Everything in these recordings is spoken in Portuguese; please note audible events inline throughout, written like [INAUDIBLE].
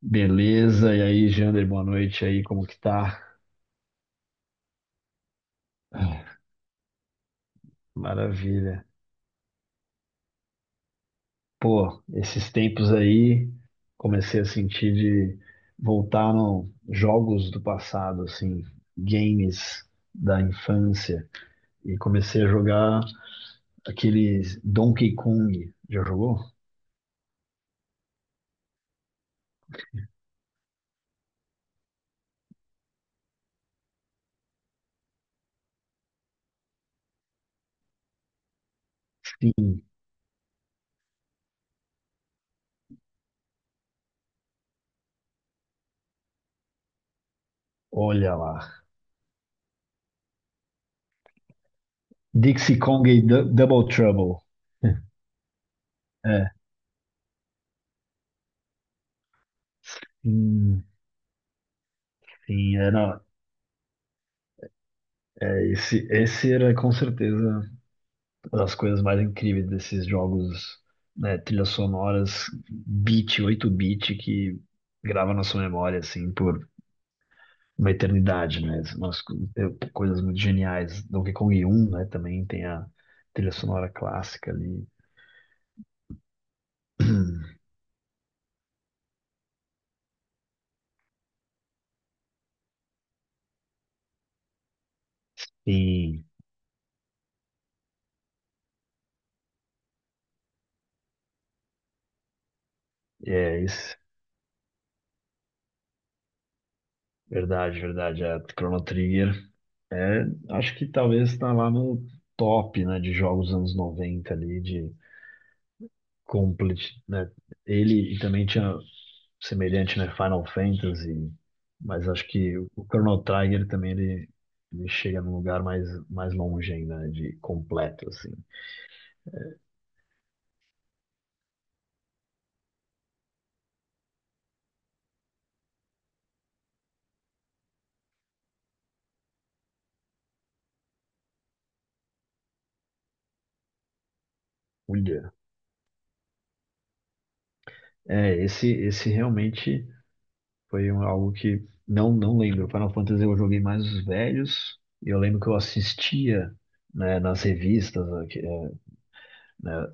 Beleza, e aí, Jander, boa noite aí, como que tá? Ah, maravilha. Pô, esses tempos aí, comecei a sentir de voltar no jogos do passado, assim, games da infância, e comecei a jogar aqueles Donkey Kong. Já jogou? Sim, olha lá. Dixie Kong e Double Trouble. É, sim, sim, era, é, esse era com certeza uma das coisas mais incríveis desses jogos, né, trilhas sonoras, bit, oito bit que grava na sua memória, assim, por uma eternidade, né? Coisas muito geniais. Donkey Kong um, né, também tem a trilha sonora clássica ali. [CLEARS THROAT] E é isso. Verdade, verdade. É, Chrono Trigger. É, acho que talvez tá lá no top, né, de jogos dos anos 90 ali, de complete, né? Ele e também tinha semelhante, né? Final Fantasy, mas acho que o Chrono Trigger também ele chega num lugar mais longe ainda, né? De completo, assim. Olha, é, esse realmente foi algo que não, não lembro. Final Fantasy eu joguei mais os velhos, e eu lembro que eu assistia, né, nas revistas, né,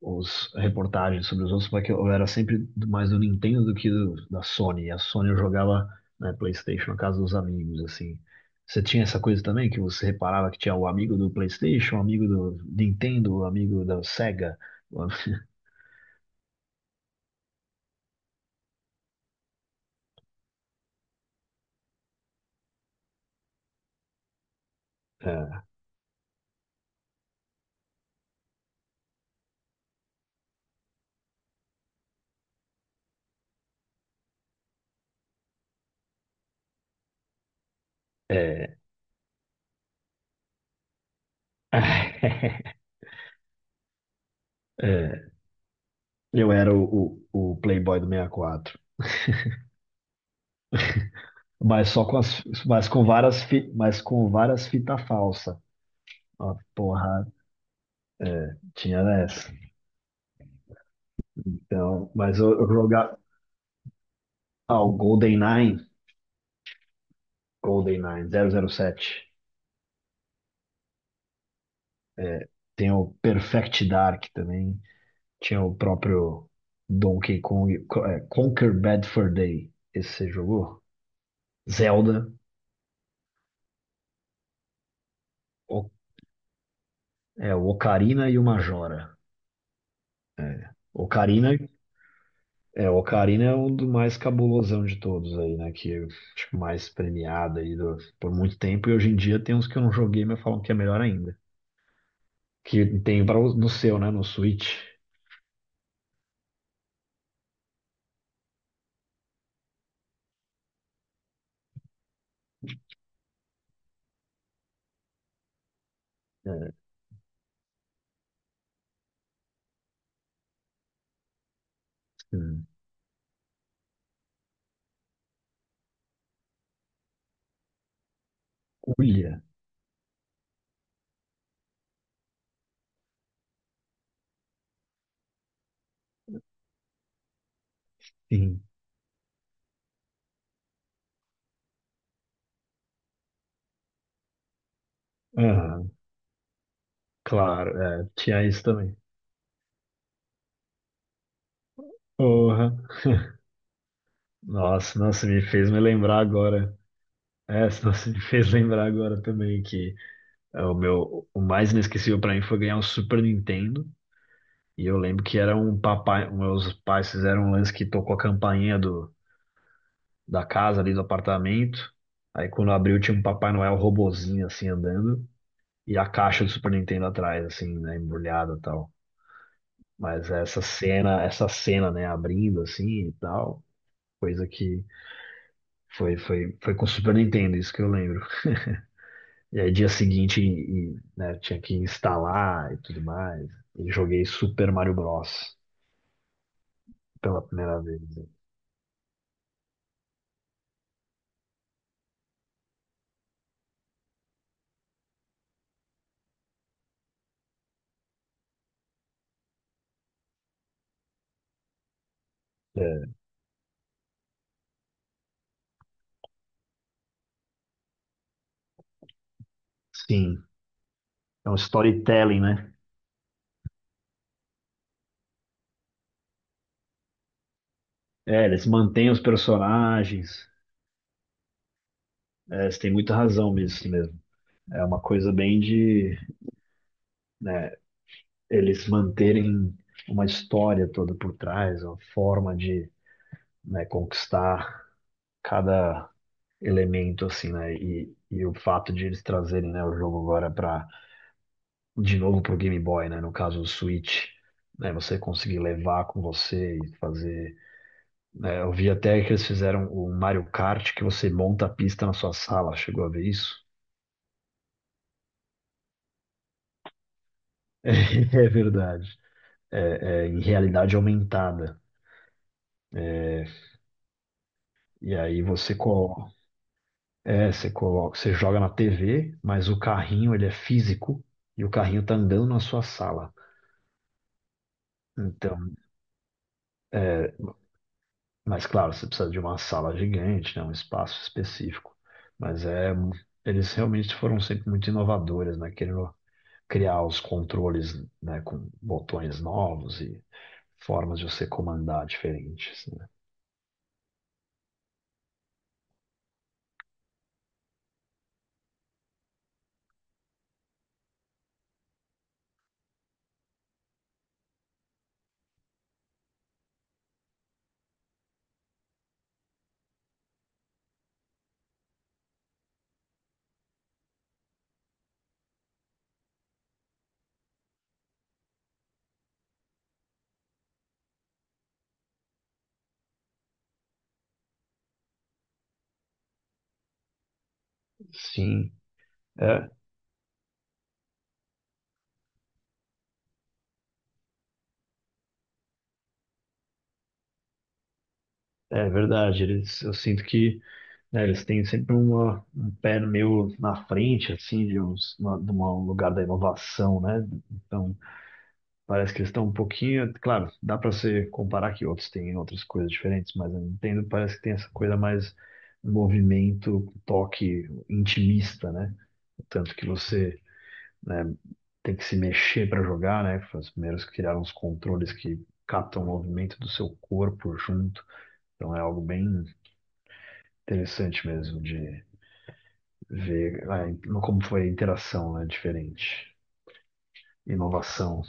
os reportagens sobre os outros, porque eu era sempre mais do Nintendo do da Sony. E a Sony eu jogava na PlayStation, na casa dos amigos, assim. Você tinha essa coisa também que você reparava que tinha o amigo do PlayStation, o amigo do Nintendo, o amigo da Sega. [LAUGHS] É, é, [LAUGHS] é. Eu era o Playboy do 64. [LAUGHS] Mas só com as, mas com várias, mas com várias fita falsa. Ó, porra, é, tinha essa. Então, mas eu jogar. Ah, o GoldenEye, GoldenEye 007. É, tem o Perfect Dark também. Tinha o próprio Donkey Kong. É, Conquer Bad Fur Day. Esse você jogou? Zelda. O, é, o Ocarina e o Majora. Ocarina. É, o Ocarina é um do mais cabulosão de todos aí, né? Que acho que mais premiado aí por muito tempo. E hoje em dia tem uns que eu não joguei, mas falam que é melhor ainda. Que tem para no seu, né? No Switch. Né. Hum. Ulha, sim. Aham, claro, é, tinha isso também. Porra. Nossa, nossa, me fez me lembrar agora. É, [LAUGHS] nossa, me fez lembrar agora também que é, o meu, o mais inesquecível pra mim foi ganhar um Super Nintendo. E eu lembro que era um papai, meus pais fizeram um lance que tocou a campainha do, da casa ali do apartamento. Aí quando abriu tinha um Papai Noel robozinho assim andando e a caixa do Super Nintendo atrás, assim, né, embrulhada e tal. Mas essa cena, né, abrindo assim e tal, coisa que foi com o Super Nintendo, isso que eu lembro. E aí dia seguinte, né, tinha que instalar e tudo mais. E joguei Super Mario Bros. Pela primeira vez. É, sim, é um storytelling, né? É, eles mantêm os personagens. É, você tem muita razão nisso mesmo. É uma coisa bem de, né, eles manterem uma história toda por trás, uma forma de, né, conquistar cada elemento, assim, né? E o fato de eles trazerem, né, o jogo agora para de novo pro Game Boy, né? No caso, o Switch, né? Você conseguir levar com você e fazer. Né, eu vi até que eles fizeram o Mario Kart que você monta a pista na sua sala. Chegou a ver isso? [LAUGHS] É verdade. É, é, em realidade aumentada. É, e aí você coloca, é, você coloca, você joga na TV, mas o carrinho ele é físico e o carrinho tá andando na sua sala. Então é, mas claro, você precisa de uma sala gigante, né, um espaço específico. Mas é, eles realmente foram sempre muito inovadores, né, querendo criar os controles, né, com botões novos e formas de você comandar diferentes, né. Sim, é, é verdade. Eles, eu sinto que, né, eles têm sempre uma, um pé meio na frente, assim, de, uns, uma, de um lugar da inovação, né? Então parece que eles estão um pouquinho, claro, dá para se comparar que outros têm outras coisas diferentes, mas a Nintendo parece que tem essa coisa mais movimento, toque intimista, né? Tanto que você, né, tem que se mexer para jogar, né? Foi os primeiros que criaram os controles que captam o movimento do seu corpo junto. Então é algo bem interessante mesmo de ver ah, como foi a interação, né? Diferente. Inovação.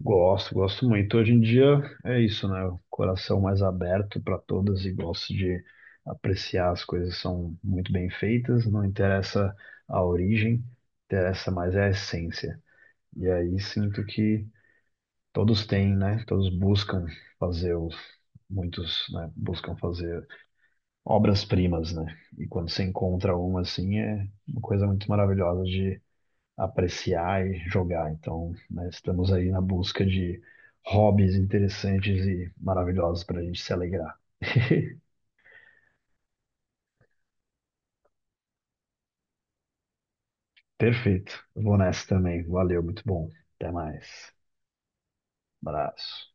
Gosto, gosto muito. Hoje em dia é isso, né? O coração mais aberto para todas e gosto de apreciar as coisas que são muito bem feitas, não interessa a origem, interessa mais é a essência. E aí sinto que todos têm, né? Todos buscam fazer os, muitos, né? Buscam fazer obras-primas, né? E quando você encontra uma assim, é uma coisa muito maravilhosa apreciar e jogar. Então, né, estamos aí na busca de hobbies interessantes e maravilhosos para a gente se alegrar. [LAUGHS] Perfeito. Vou nessa também. Valeu, muito bom. Até mais. Abraço.